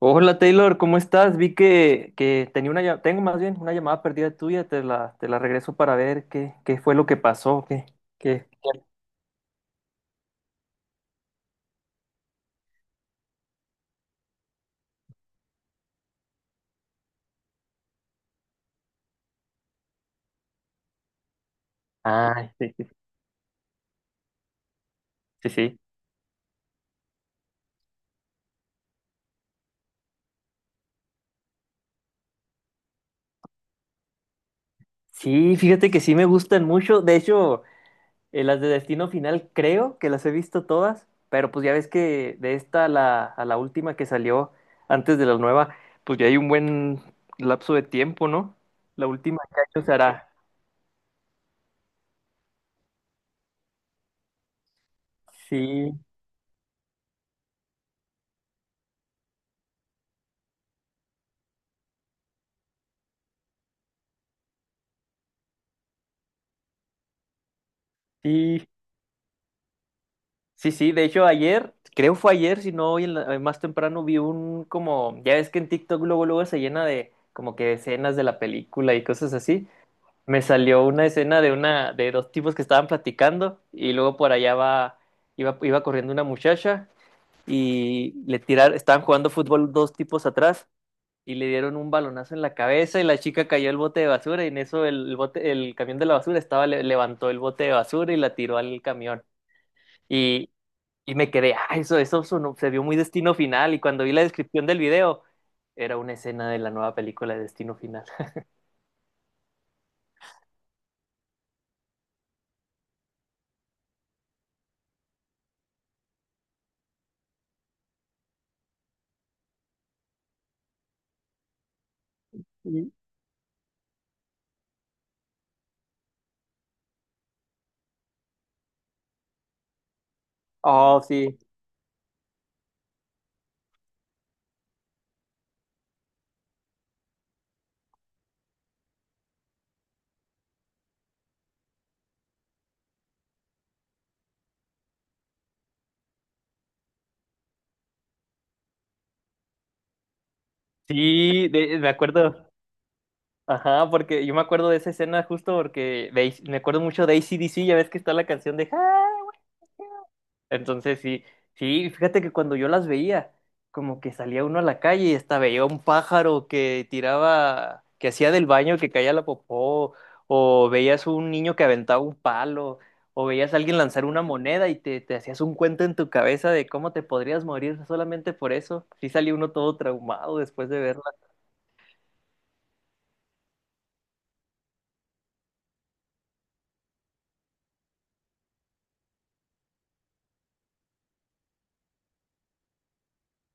Hola Taylor, ¿cómo estás? Vi que tenía una, tengo más bien una llamada perdida tuya, te la regreso para ver qué, qué fue lo que pasó, qué. Ah, sí, sí, sí, sí. Sí, fíjate que sí me gustan mucho. De hecho, las de Destino Final creo que las he visto todas, pero pues ya ves que de esta a a la última que salió antes de la nueva, pues ya hay un buen lapso de tiempo, ¿no? La última que años hará. Sí, sí. Sí, sí, de hecho ayer, creo fue ayer, si no hoy en más temprano vi un como, ya ves que en TikTok luego luego se llena de como que escenas de la película y cosas así. Me salió una escena de una de dos tipos que estaban platicando y luego por allá va iba corriendo una muchacha y le tiraron, estaban jugando fútbol dos tipos atrás y le dieron un balonazo en la cabeza y la chica cayó el bote de basura y en eso el bote, el camión de la basura estaba, levantó el bote de basura y la tiró al camión. Y me quedé, ah, eso, se vio muy Destino Final. Y cuando vi la descripción del video, era una escena de la nueva película de Destino Final. Y- Oh, sí. Sí, me acuerdo. Ajá, porque yo me acuerdo de esa escena justo me acuerdo mucho de AC/DC, ya ves que está la canción de... Entonces sí, sí, fíjate que cuando yo las veía, como que salía uno a la calle y hasta veía un pájaro que tiraba, que hacía del baño que caía la popó, o veías un niño que aventaba un palo, o veías a alguien lanzar una moneda y te hacías un cuento en tu cabeza de cómo te podrías morir solamente por eso. Sí salía uno todo traumado después de verla.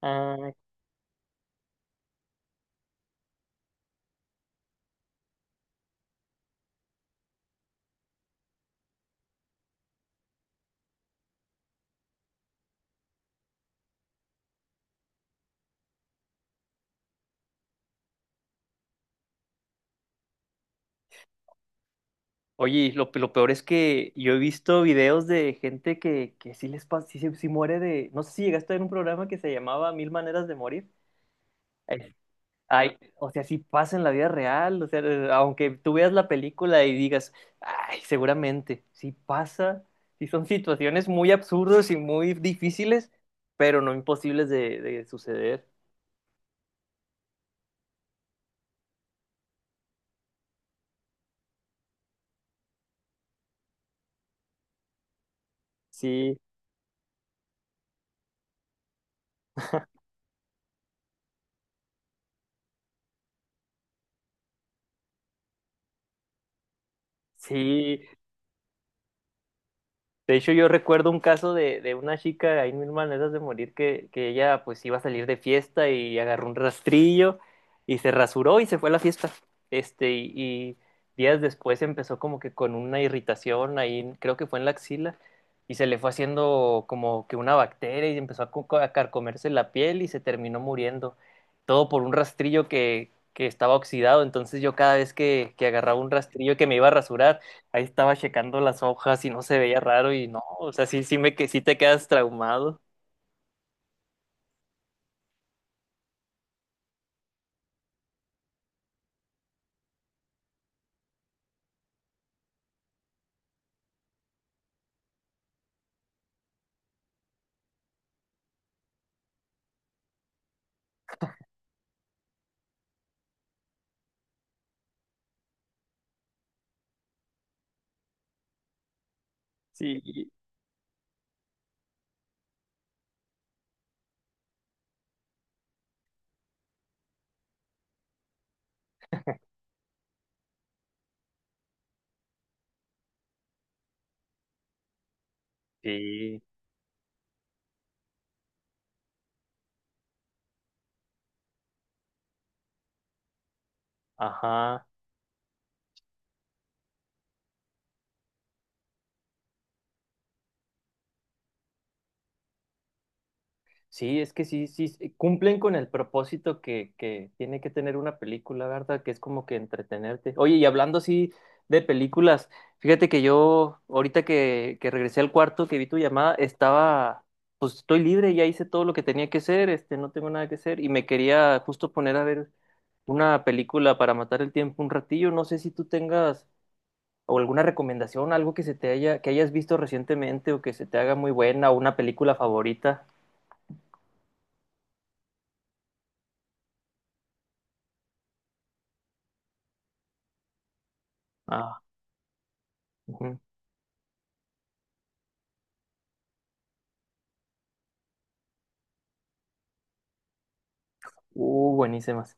Ah, oye, y lo peor es que yo he visto videos de gente que sí les pasa, sí, sí muere de. No sé si llegaste a ver un programa que se llamaba Mil Maneras de Morir. Es- Ay, o sea, sí pasa en la vida real, o sea, aunque tú veas la película y digas, ay, seguramente, sí pasa, sí son situaciones muy absurdas y muy difíciles, pero no imposibles de suceder. Sí, sí. De hecho, yo recuerdo un caso de una chica, ahí mil maneras de morir, que ella pues iba a salir de fiesta y agarró un rastrillo y se rasuró y se fue a la fiesta. Este, y días después empezó como que con una irritación ahí, creo que fue en la axila, y se le fue haciendo como que una bacteria y empezó a, a carcomerse la piel y se terminó muriendo. Todo por un rastrillo que estaba oxidado. Entonces yo cada vez que agarraba un rastrillo que me iba a rasurar, ahí estaba checando las hojas y no se veía raro y no, o sea, sí, sí me que sí te quedas traumado. Sí, sí, ajá. Sí, es que sí, sí, sí, cumplen con el propósito que tiene que tener una película, ¿verdad? Que es como que entretenerte. Oye, y hablando así de películas, fíjate que yo, ahorita que regresé al cuarto, que vi tu llamada, estaba, pues estoy libre, ya hice todo lo que tenía que hacer, este, no tengo nada que hacer, y me quería justo poner a ver una película para matar el tiempo un ratillo. No sé si tú tengas o alguna recomendación, algo que se te haya, que hayas visto recientemente o que se te haga muy buena, o una película favorita. Ah, ujú. Buenísimas.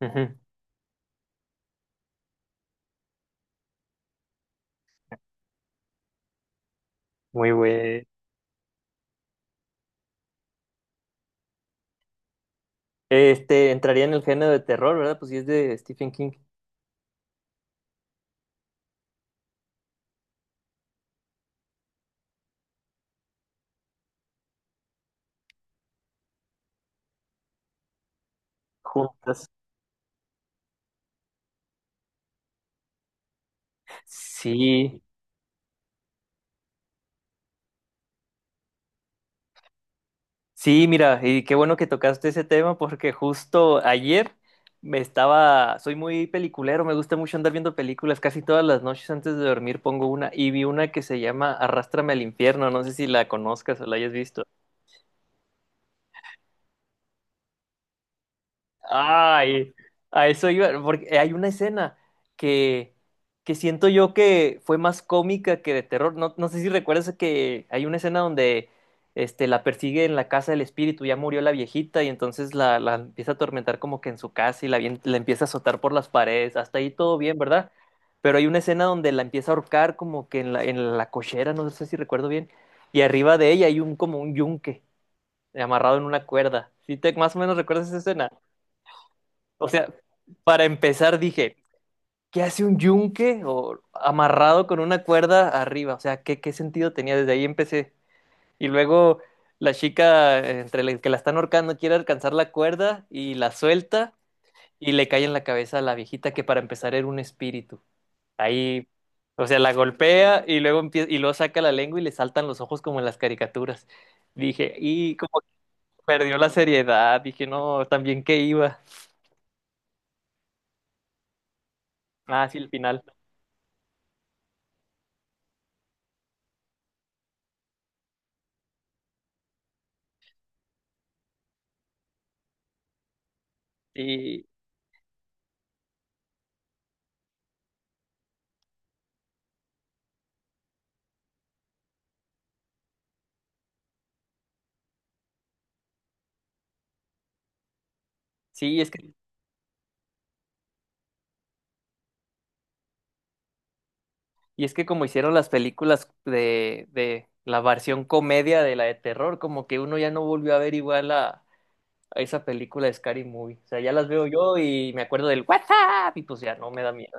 Ujú. Muy buen. Este, entraría en el género de terror, ¿verdad? Pues sí es de Stephen King. Juntas. Sí, sí, mira, y qué bueno que tocaste ese tema porque justo ayer me estaba, soy muy peliculero, me gusta mucho andar viendo películas, casi todas las noches antes de dormir pongo una y vi una que se llama Arrástrame al infierno, no sé si la conozcas o la hayas visto. Ay, a eso iba, porque hay una escena que, que siento yo que fue más cómica que de terror. No, no sé si recuerdas que hay una escena donde este, la persigue en la casa del espíritu, ya murió la viejita y entonces la empieza a atormentar como que en su casa y la, la empieza a azotar por las paredes. Hasta ahí todo bien, ¿verdad? Pero hay una escena donde la empieza a ahorcar como que en en la cochera, no sé si recuerdo bien, y arriba de ella hay un como un yunque amarrado en una cuerda. ¿Sí te, más o menos recuerdas esa escena? O sea, para empezar dije, ¿qué hace un yunque o amarrado con una cuerda arriba? O sea, ¿qué, qué sentido tenía? Desde ahí empecé. Y luego la chica, entre el que la están ahorcando, quiere alcanzar la cuerda y la suelta y le cae en la cabeza a la viejita que para empezar era un espíritu. Ahí, o sea, la golpea y luego y luego saca la lengua y le saltan los ojos como en las caricaturas. Dije, y como que perdió la seriedad, dije, no, también qué iba. Ah, sí, el final. Y sí, es que y es que como hicieron las películas de la versión comedia de la de terror, como que uno ya no volvió a ver igual a esa película de Scary Movie. O sea, ya las veo yo y me acuerdo del WhatsApp y pues ya no me da miedo.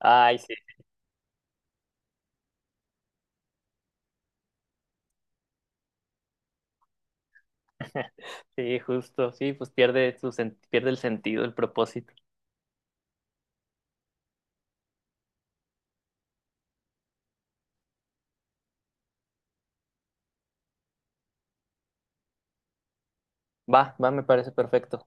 Ay, sí, sí, justo, sí, pues pierde su pierde el sentido, el propósito. Va, va, me parece perfecto.